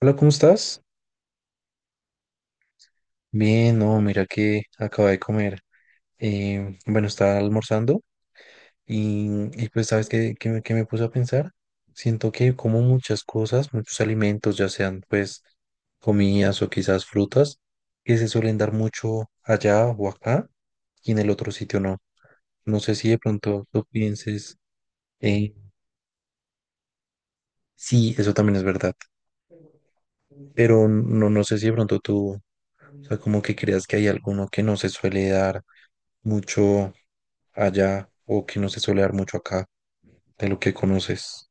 Hola, ¿cómo estás? Bien, no, mira que acabo de comer. Bueno, Estaba almorzando y pues, ¿sabes qué me puse a pensar? Siento que como muchas cosas, muchos alimentos, ya sean pues comidas o quizás frutas, que se suelen dar mucho allá o acá y en el otro sitio no. No sé si de pronto tú pienses, eh, sí, eso también es verdad, pero no sé si de pronto tú, o sea, como que creas que hay alguno que no se suele dar mucho allá o que no se suele dar mucho acá de lo que conoces.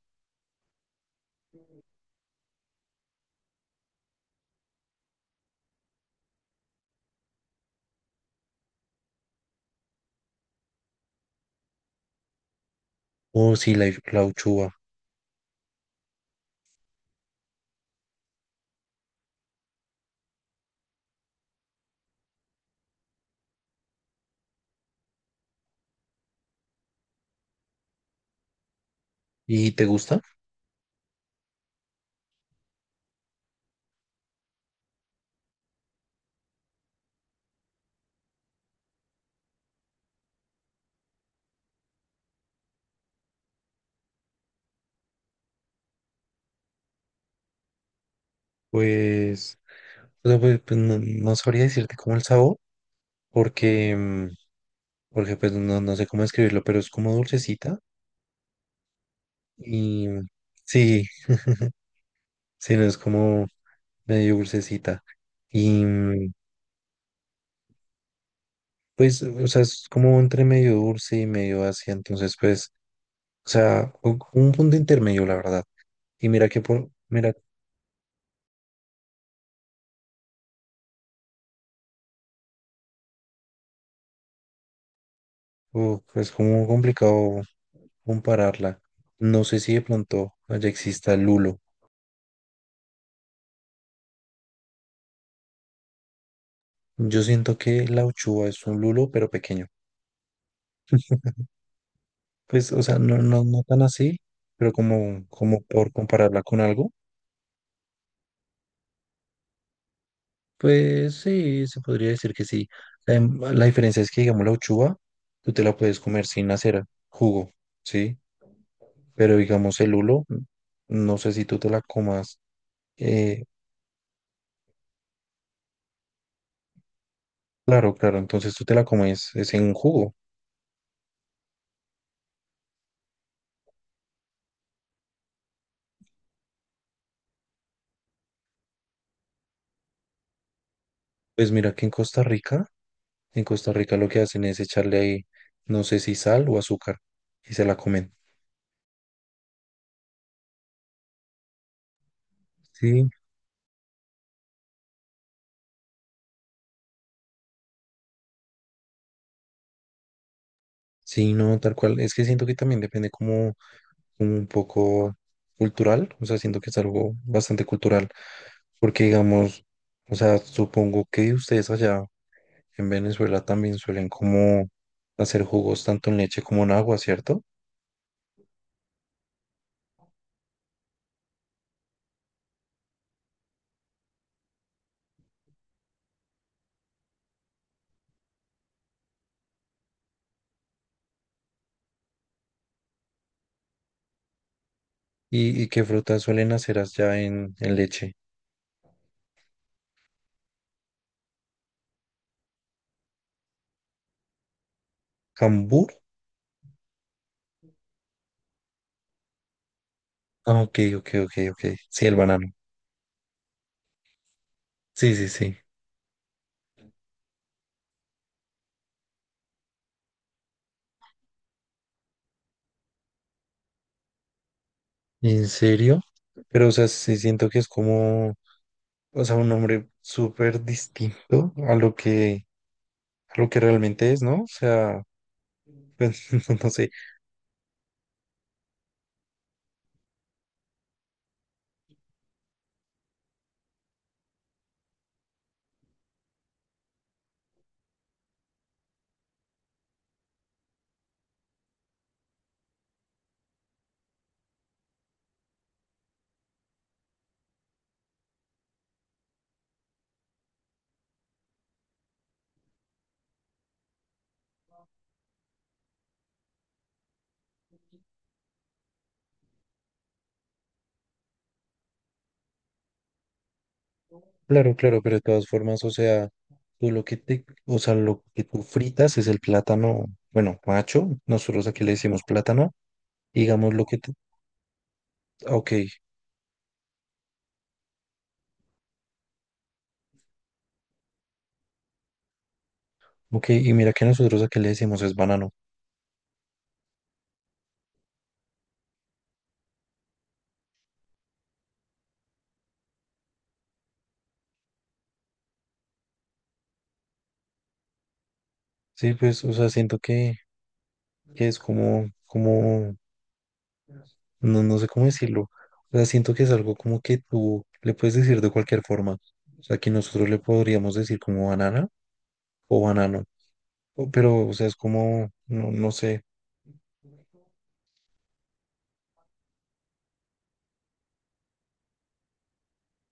Oh, sí, la uchuva. ¿Y te gusta? Pues, o sea, no, no sabría decirte cómo el sabor, porque, porque pues no, no sé cómo describirlo, pero es como dulcecita. y mm, sí, sí, no es como medio dulcecita. Y mm, pues, o sea, es como entre medio dulce y medio ácida, entonces pues, o sea, un punto intermedio, la verdad. Y mira que por, mira, uf, es como complicado compararla. No sé si de pronto allá exista lulo. Yo siento que la uchuva es un lulo, pero pequeño. Pues, o sea, no tan así, pero como, como por compararla con algo, pues sí, se podría decir que sí. La diferencia es que, digamos, la uchuva, tú te la puedes comer sin hacer jugo, ¿sí? Pero, digamos, el lulo, no sé si tú te la comas. eh, claro, claro, entonces tú te la comes es en un jugo. Pues mira que en Costa Rica. En Costa Rica lo que hacen es echarle ahí, no sé si sal o azúcar, y se la comen. Sí. Sí, no, tal cual. Es que siento que también depende como, como un poco cultural, o sea, siento que es algo bastante cultural, porque digamos, o sea, supongo que ustedes allá en Venezuela también suelen como hacer jugos tanto en leche como en agua, ¿cierto? Y, ¿y qué frutas suelen hacer allá en leche? ¿Cambur? Ah, ok, ok. Sí, el banano. Sí, sí, sí. ¿En serio? Pero, o sea, sí siento que es como, o sea, un hombre súper distinto a lo que realmente es, ¿no? O sea, pues, no sé. Claro, claro, pero de todas formas, o sea, tú lo que te, o sea, lo que tú fritas es el plátano, bueno, macho, nosotros aquí le decimos plátano, digamos lo que te, ah, ok, ok, y mira que nosotros aquí le decimos es banano. Sí, pues, o sea, siento que es como, como, no, no sé cómo decirlo. O sea, siento que es algo como que tú le puedes decir de cualquier forma. O sea, que nosotros le podríamos decir como banana o banano. Pero, o sea, es como, no, no sé.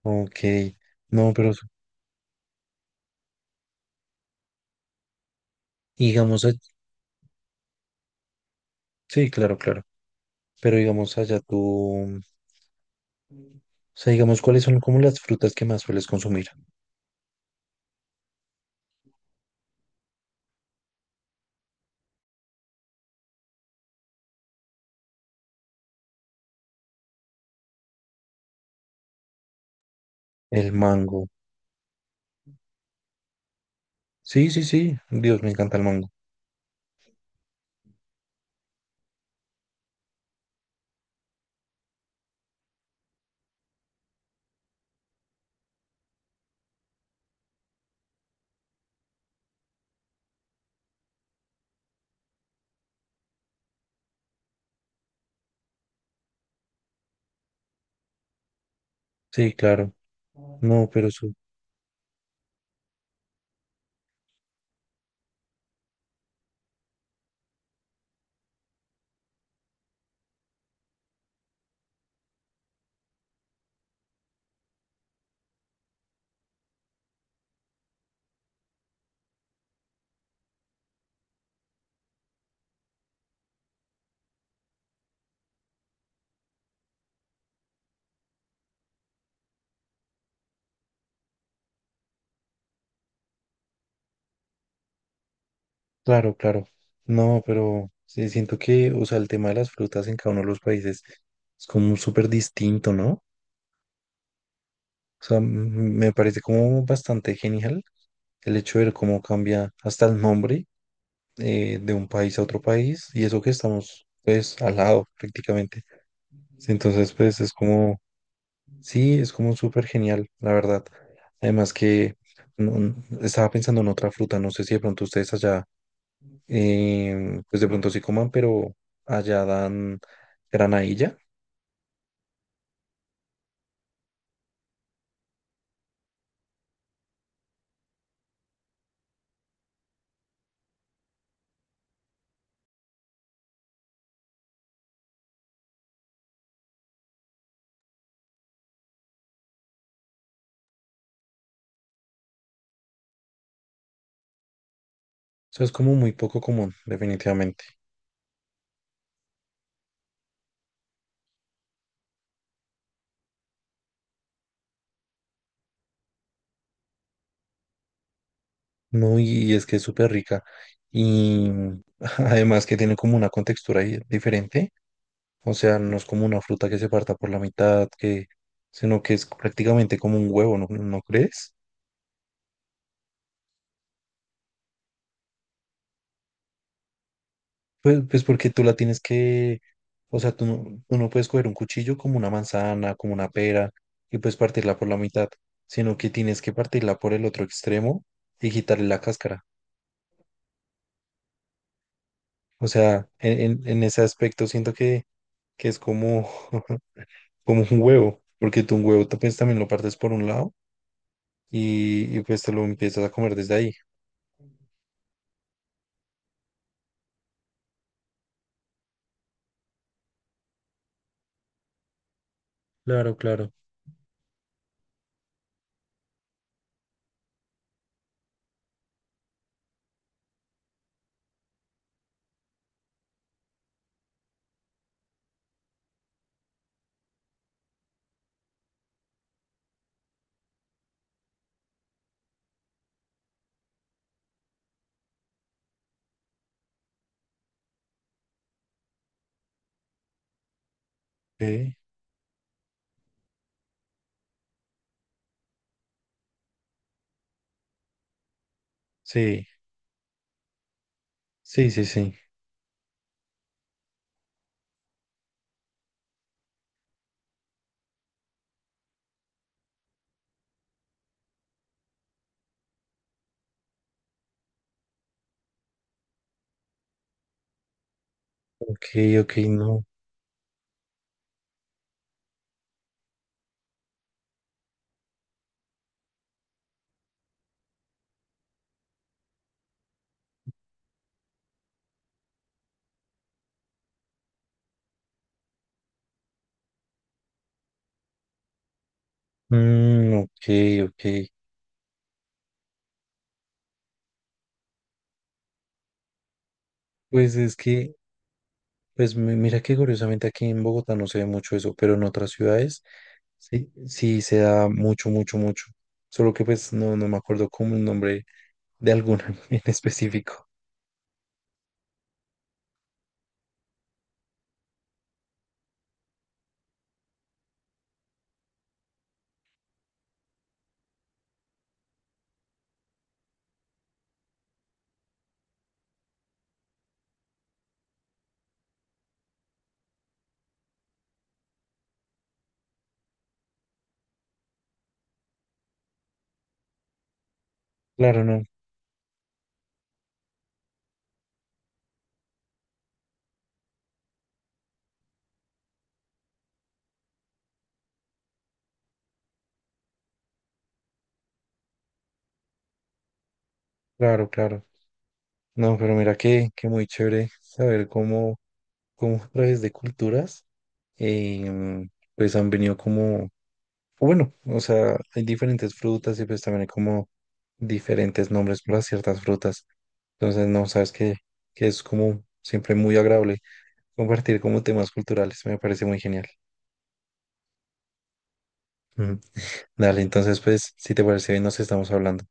Ok. No, pero s- Digamos, sí, claro, claro. Pero digamos allá tú, o sea, digamos, ¿cuáles son como las frutas que más sueles consumir? El mango. Sí, sí, sí. Dios, me encanta el mango. Sí, claro. No, pero su- Claro, claro. No, pero sí, siento que, o sea, el tema de las frutas en cada uno de los países es como súper distinto, ¿no? O sea, me parece como bastante genial el hecho de ver cómo cambia hasta el nombre de un país a otro país y eso que estamos, pues, al lado prácticamente. Sí, entonces, pues, es como, sí, es como súper genial, la verdad. Además que no- estaba pensando en otra fruta, no sé si de pronto ustedes allá pues de pronto sí coman, pero allá dan granadilla. Eso es como muy poco común, definitivamente. No, y es que es súper rica. Y además que tiene como una contextura ahí diferente. O sea, no es como una fruta que se parta por la mitad, que, sino que es prácticamente como un huevo, ¿no, no crees? Pues porque tú la tienes que, o sea, tú no puedes coger un cuchillo como una manzana, como una pera, y pues partirla por la mitad, sino que tienes que partirla por el otro extremo y quitarle la cáscara. O sea, en, en ese aspecto siento que es como, como un huevo, porque tú un huevo pues también lo partes por un lado y pues te lo empiezas a comer desde ahí. Claro, claro. Ok. Sí, sí. Ok, ok, no. Mm, ok, ok. Pues es que pues mira que curiosamente aquí en Bogotá no se ve mucho eso, pero en otras ciudades sí, sí se da mucho, mucho. Solo que pues no, no me acuerdo como el nombre de alguna en específico. Claro, no, claro, claro. No, pero mira que muy chévere saber cómo, cómo a través de culturas em, pues han venido como, o bueno, o sea, hay diferentes frutas y pues también hay como diferentes nombres para ciertas frutas. Entonces, no, sabes que es como siempre muy agradable compartir como temas culturales, me parece muy genial. Ujú. Dale, entonces pues, si te parece bien, nos estamos hablando.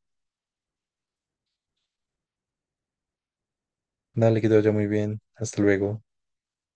Dale, que te vaya muy bien. Hasta luego.